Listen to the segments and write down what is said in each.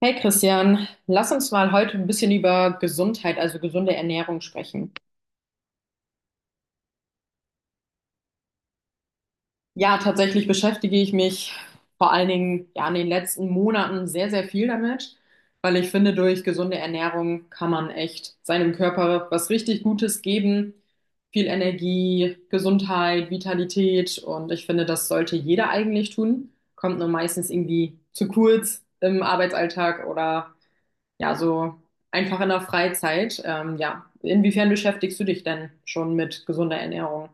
Hey Christian, lass uns mal heute ein bisschen über Gesundheit, also gesunde Ernährung sprechen. Ja, tatsächlich beschäftige ich mich vor allen Dingen ja in den letzten Monaten sehr, sehr viel damit, weil ich finde, durch gesunde Ernährung kann man echt seinem Körper was richtig Gutes geben. Viel Energie, Gesundheit, Vitalität und ich finde, das sollte jeder eigentlich tun. Kommt nur meistens irgendwie zu kurz im Arbeitsalltag oder ja, so einfach in der Freizeit. Ja, inwiefern beschäftigst du dich denn schon mit gesunder Ernährung?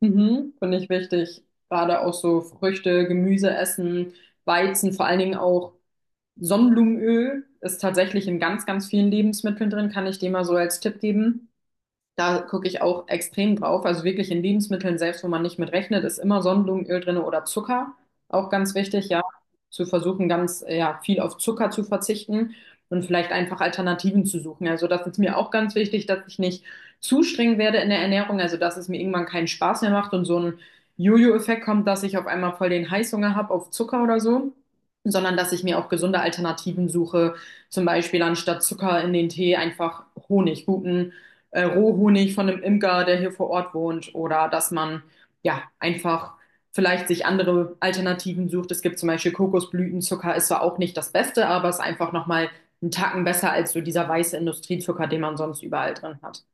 Mhm, finde ich wichtig. Gerade auch so Früchte, Gemüse essen, Weizen, vor allen Dingen auch Sonnenblumenöl ist tatsächlich in ganz, ganz vielen Lebensmitteln drin, kann ich dir mal so als Tipp geben. Da gucke ich auch extrem drauf. Also wirklich in Lebensmitteln, selbst wo man nicht mit rechnet, ist immer Sonnenblumenöl drin oder Zucker. Auch ganz wichtig, ja, zu versuchen, ganz ja, viel auf Zucker zu verzichten und vielleicht einfach Alternativen zu suchen. Also das ist mir auch ganz wichtig, dass ich nicht zu streng werde in der Ernährung, also dass es mir irgendwann keinen Spaß mehr macht und so ein Jojo-Effekt kommt, dass ich auf einmal voll den Heißhunger habe auf Zucker oder so, sondern dass ich mir auch gesunde Alternativen suche. Zum Beispiel anstatt Zucker in den Tee einfach Honig, guten Rohhonig von einem Imker, der hier vor Ort wohnt, oder dass man ja einfach vielleicht sich andere Alternativen sucht. Es gibt zum Beispiel Kokosblütenzucker, ist zwar auch nicht das Beste, aber ist einfach nochmal einen Tacken besser als so dieser weiße Industriezucker, den man sonst überall drin hat.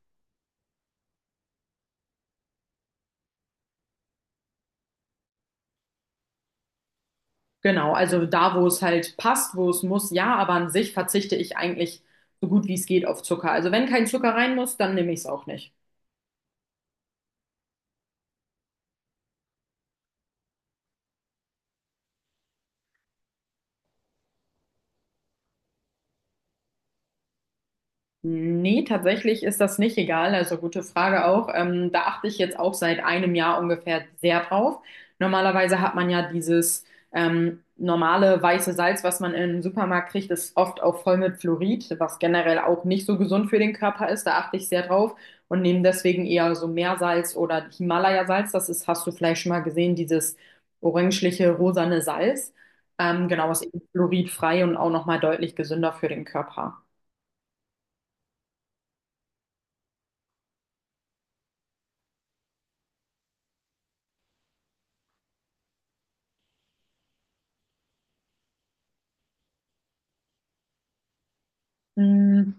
Genau, also da, wo es halt passt, wo es muss, ja, aber an sich verzichte ich eigentlich so gut wie es geht auf Zucker. Also wenn kein Zucker rein muss, dann nehme ich es auch nicht. Nee, tatsächlich ist das nicht egal. Also gute Frage auch. Da achte ich jetzt auch seit einem Jahr ungefähr sehr drauf. Normalerweise hat man ja dieses normale weiße Salz, was man im Supermarkt kriegt, ist oft auch voll mit Fluorid, was generell auch nicht so gesund für den Körper ist. Da achte ich sehr drauf und nehme deswegen eher so Meersalz oder Himalaya-Salz. Das ist, hast du vielleicht schon mal gesehen, dieses orangeliche, rosane Salz. Genau, ist eben fluoridfrei und auch nochmal deutlich gesünder für den Körper. Mm,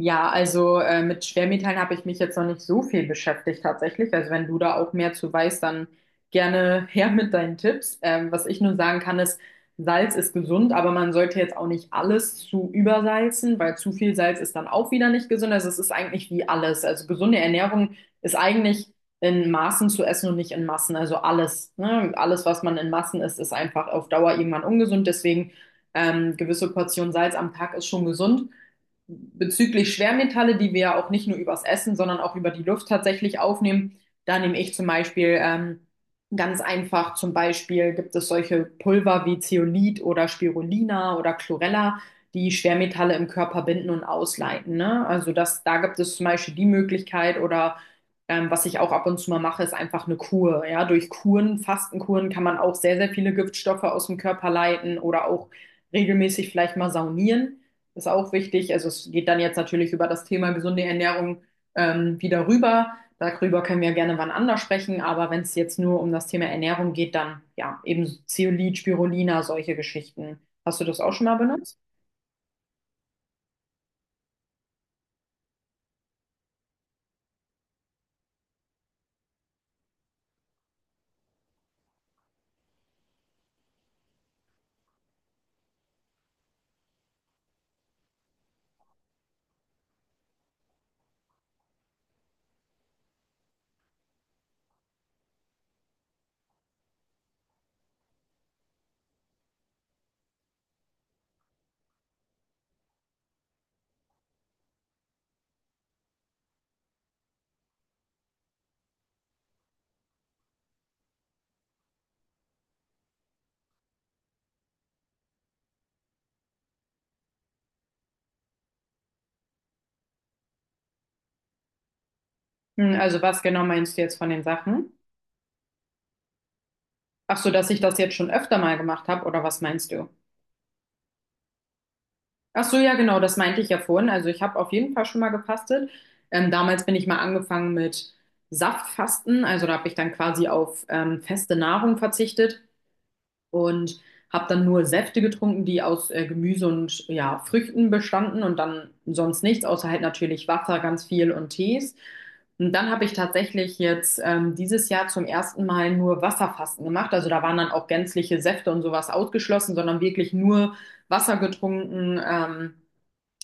ja, also mit Schwermetallen habe ich mich jetzt noch nicht so viel beschäftigt tatsächlich. Also wenn du da auch mehr zu weißt, dann gerne her mit deinen Tipps. Was ich nur sagen kann, ist, Salz ist gesund, aber man sollte jetzt auch nicht alles zu übersalzen, weil zu viel Salz ist dann auch wieder nicht gesund. Also es ist eigentlich wie alles. Also gesunde Ernährung ist eigentlich in Maßen zu essen und nicht in Massen. Also alles, ne? Alles, was man in Massen isst, ist einfach auf Dauer irgendwann ungesund. Deswegen gewisse Portion Salz am Tag ist schon gesund bezüglich Schwermetalle, die wir ja auch nicht nur übers Essen, sondern auch über die Luft tatsächlich aufnehmen, da nehme ich zum Beispiel ganz einfach, zum Beispiel gibt es solche Pulver wie Zeolit oder Spirulina oder Chlorella, die Schwermetalle im Körper binden und ausleiten, ne? Also das, da gibt es zum Beispiel die Möglichkeit oder was ich auch ab und zu mal mache, ist einfach eine Kur. Ja, durch Kuren, Fastenkuren kann man auch sehr, sehr viele Giftstoffe aus dem Körper leiten oder auch regelmäßig vielleicht mal saunieren ist auch wichtig. Also es geht dann jetzt natürlich über das Thema gesunde Ernährung wieder rüber. Darüber können wir gerne wann anders sprechen, aber wenn es jetzt nur um das Thema Ernährung geht, dann ja, eben Zeolit, Spirulina, solche Geschichten. Hast du das auch schon mal benutzt? Hm, also was genau meinst du jetzt von den Sachen? Ach so, dass ich das jetzt schon öfter mal gemacht habe, oder was meinst du? Ach so, ja, genau, das meinte ich ja vorhin. Also ich habe auf jeden Fall schon mal gefastet. Damals bin ich mal angefangen mit Saftfasten, also da habe ich dann quasi auf feste Nahrung verzichtet und habe dann nur Säfte getrunken, die aus Gemüse und ja, Früchten bestanden und dann sonst nichts, außer halt natürlich Wasser, ganz viel und Tees. Und dann habe ich tatsächlich jetzt dieses Jahr zum ersten Mal nur Wasserfasten gemacht. Also da waren dann auch gänzliche Säfte und sowas ausgeschlossen, sondern wirklich nur Wasser getrunken.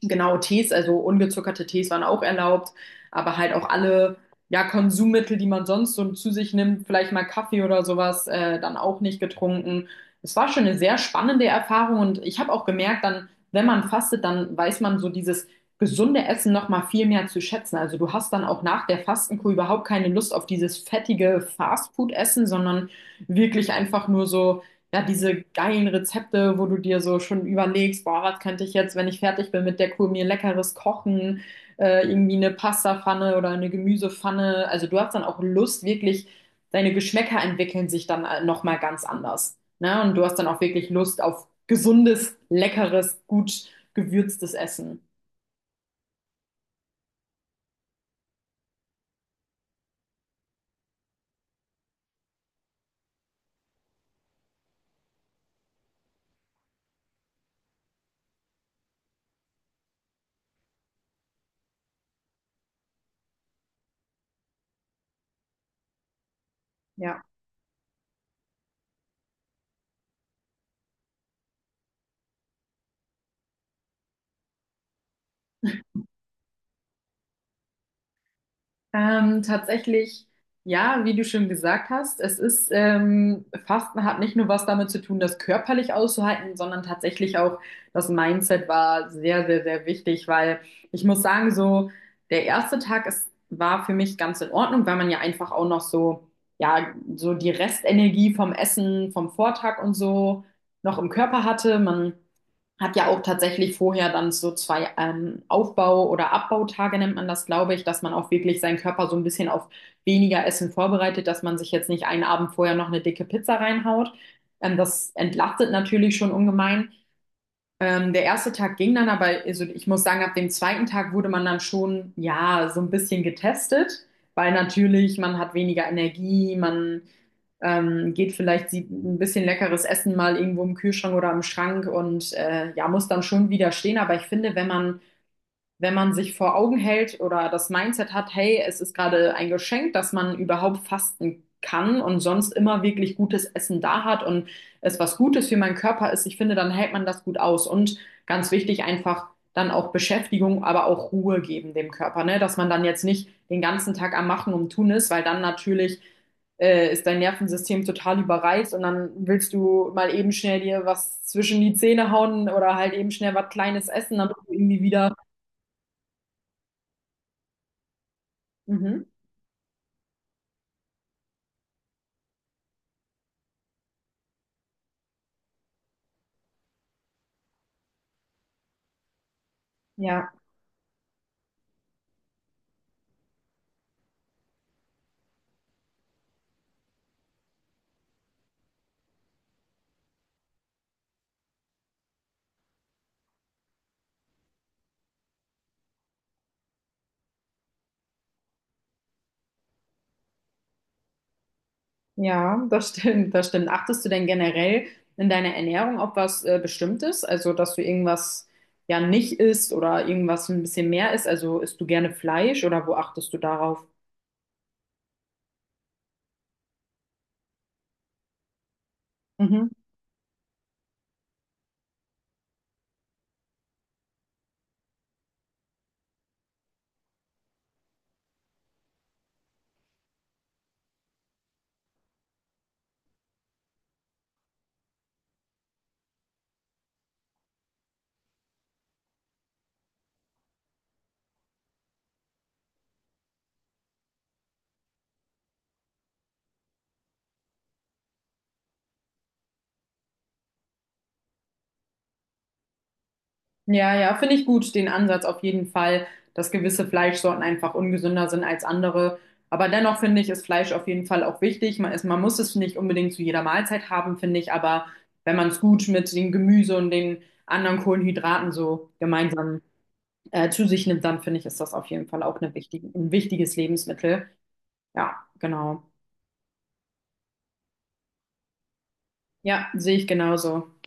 Genau, Tees, also ungezuckerte Tees waren auch erlaubt, aber halt auch alle, ja, Konsummittel, die man sonst so zu sich nimmt, vielleicht mal Kaffee oder sowas, dann auch nicht getrunken. Es war schon eine sehr spannende Erfahrung und ich habe auch gemerkt, dann, wenn man fastet, dann weiß man so dieses gesunde Essen noch mal viel mehr zu schätzen. Also du hast dann auch nach der Fastenkur überhaupt keine Lust auf dieses fettige Fastfood-Essen, sondern wirklich einfach nur so ja, diese geilen Rezepte, wo du dir so schon überlegst, boah, was könnte ich jetzt, wenn ich fertig bin mit der Kur, mir leckeres kochen, irgendwie eine Pastapfanne oder eine Gemüsepfanne. Also du hast dann auch Lust, wirklich, deine Geschmäcker entwickeln sich dann nochmal ganz anders. Ne? Und du hast dann auch wirklich Lust auf gesundes, leckeres, gut gewürztes Essen. Ja. Tatsächlich, ja, wie du schon gesagt hast, es ist, Fasten hat nicht nur was damit zu tun, das körperlich auszuhalten, sondern tatsächlich auch das Mindset war sehr, sehr, sehr wichtig, weil ich muss sagen, so der erste Tag ist, war für mich ganz in Ordnung, weil man ja einfach auch noch so, ja, so die Restenergie vom Essen, vom Vortag und so noch im Körper hatte. Man hat ja auch tatsächlich vorher dann so zwei Aufbau- oder Abbautage, nennt man das, glaube ich, dass man auch wirklich seinen Körper so ein bisschen auf weniger Essen vorbereitet, dass man sich jetzt nicht einen Abend vorher noch eine dicke Pizza reinhaut. Das entlastet natürlich schon ungemein. Der erste Tag ging dann, aber also ich muss sagen, ab dem zweiten Tag wurde man dann schon, ja, so ein bisschen getestet, weil natürlich man hat weniger Energie, man geht vielleicht, sieht ein bisschen leckeres Essen mal irgendwo im Kühlschrank oder im Schrank und ja, muss dann schon widerstehen. Aber ich finde, wenn man wenn man sich vor Augen hält oder das Mindset hat, hey, es ist gerade ein Geschenk, dass man überhaupt fasten kann und sonst immer wirklich gutes Essen da hat und es was Gutes für meinen Körper ist, ich finde, dann hält man das gut aus. Und ganz wichtig, einfach dann auch Beschäftigung, aber auch Ruhe geben dem Körper, ne? Dass man dann jetzt nicht den ganzen Tag am Machen und Tun ist, weil dann natürlich ist dein Nervensystem total überreizt und dann willst du mal eben schnell dir was zwischen die Zähne hauen oder halt eben schnell was Kleines essen, damit du irgendwie wieder Mhm. Ja, ja, das stimmt, das stimmt. Achtest du denn generell in deiner Ernährung auf was Bestimmtes? Also, dass du irgendwas ja nicht isst oder irgendwas ein bisschen mehr isst? Also, isst du gerne Fleisch oder wo achtest du darauf? Mhm. Ja, ja, finde ich gut, den Ansatz auf jeden Fall, dass gewisse Fleischsorten einfach ungesünder sind als andere. Aber dennoch finde ich, ist Fleisch auf jeden Fall auch wichtig. Man ist, man muss es nicht unbedingt zu jeder Mahlzeit haben, finde ich, aber wenn man es gut mit dem Gemüse und den anderen Kohlenhydraten so gemeinsam zu sich nimmt, dann finde ich, ist das auf jeden Fall auch eine wichtige, ein wichtiges Lebensmittel. Ja, genau. Ja, sehe ich genauso.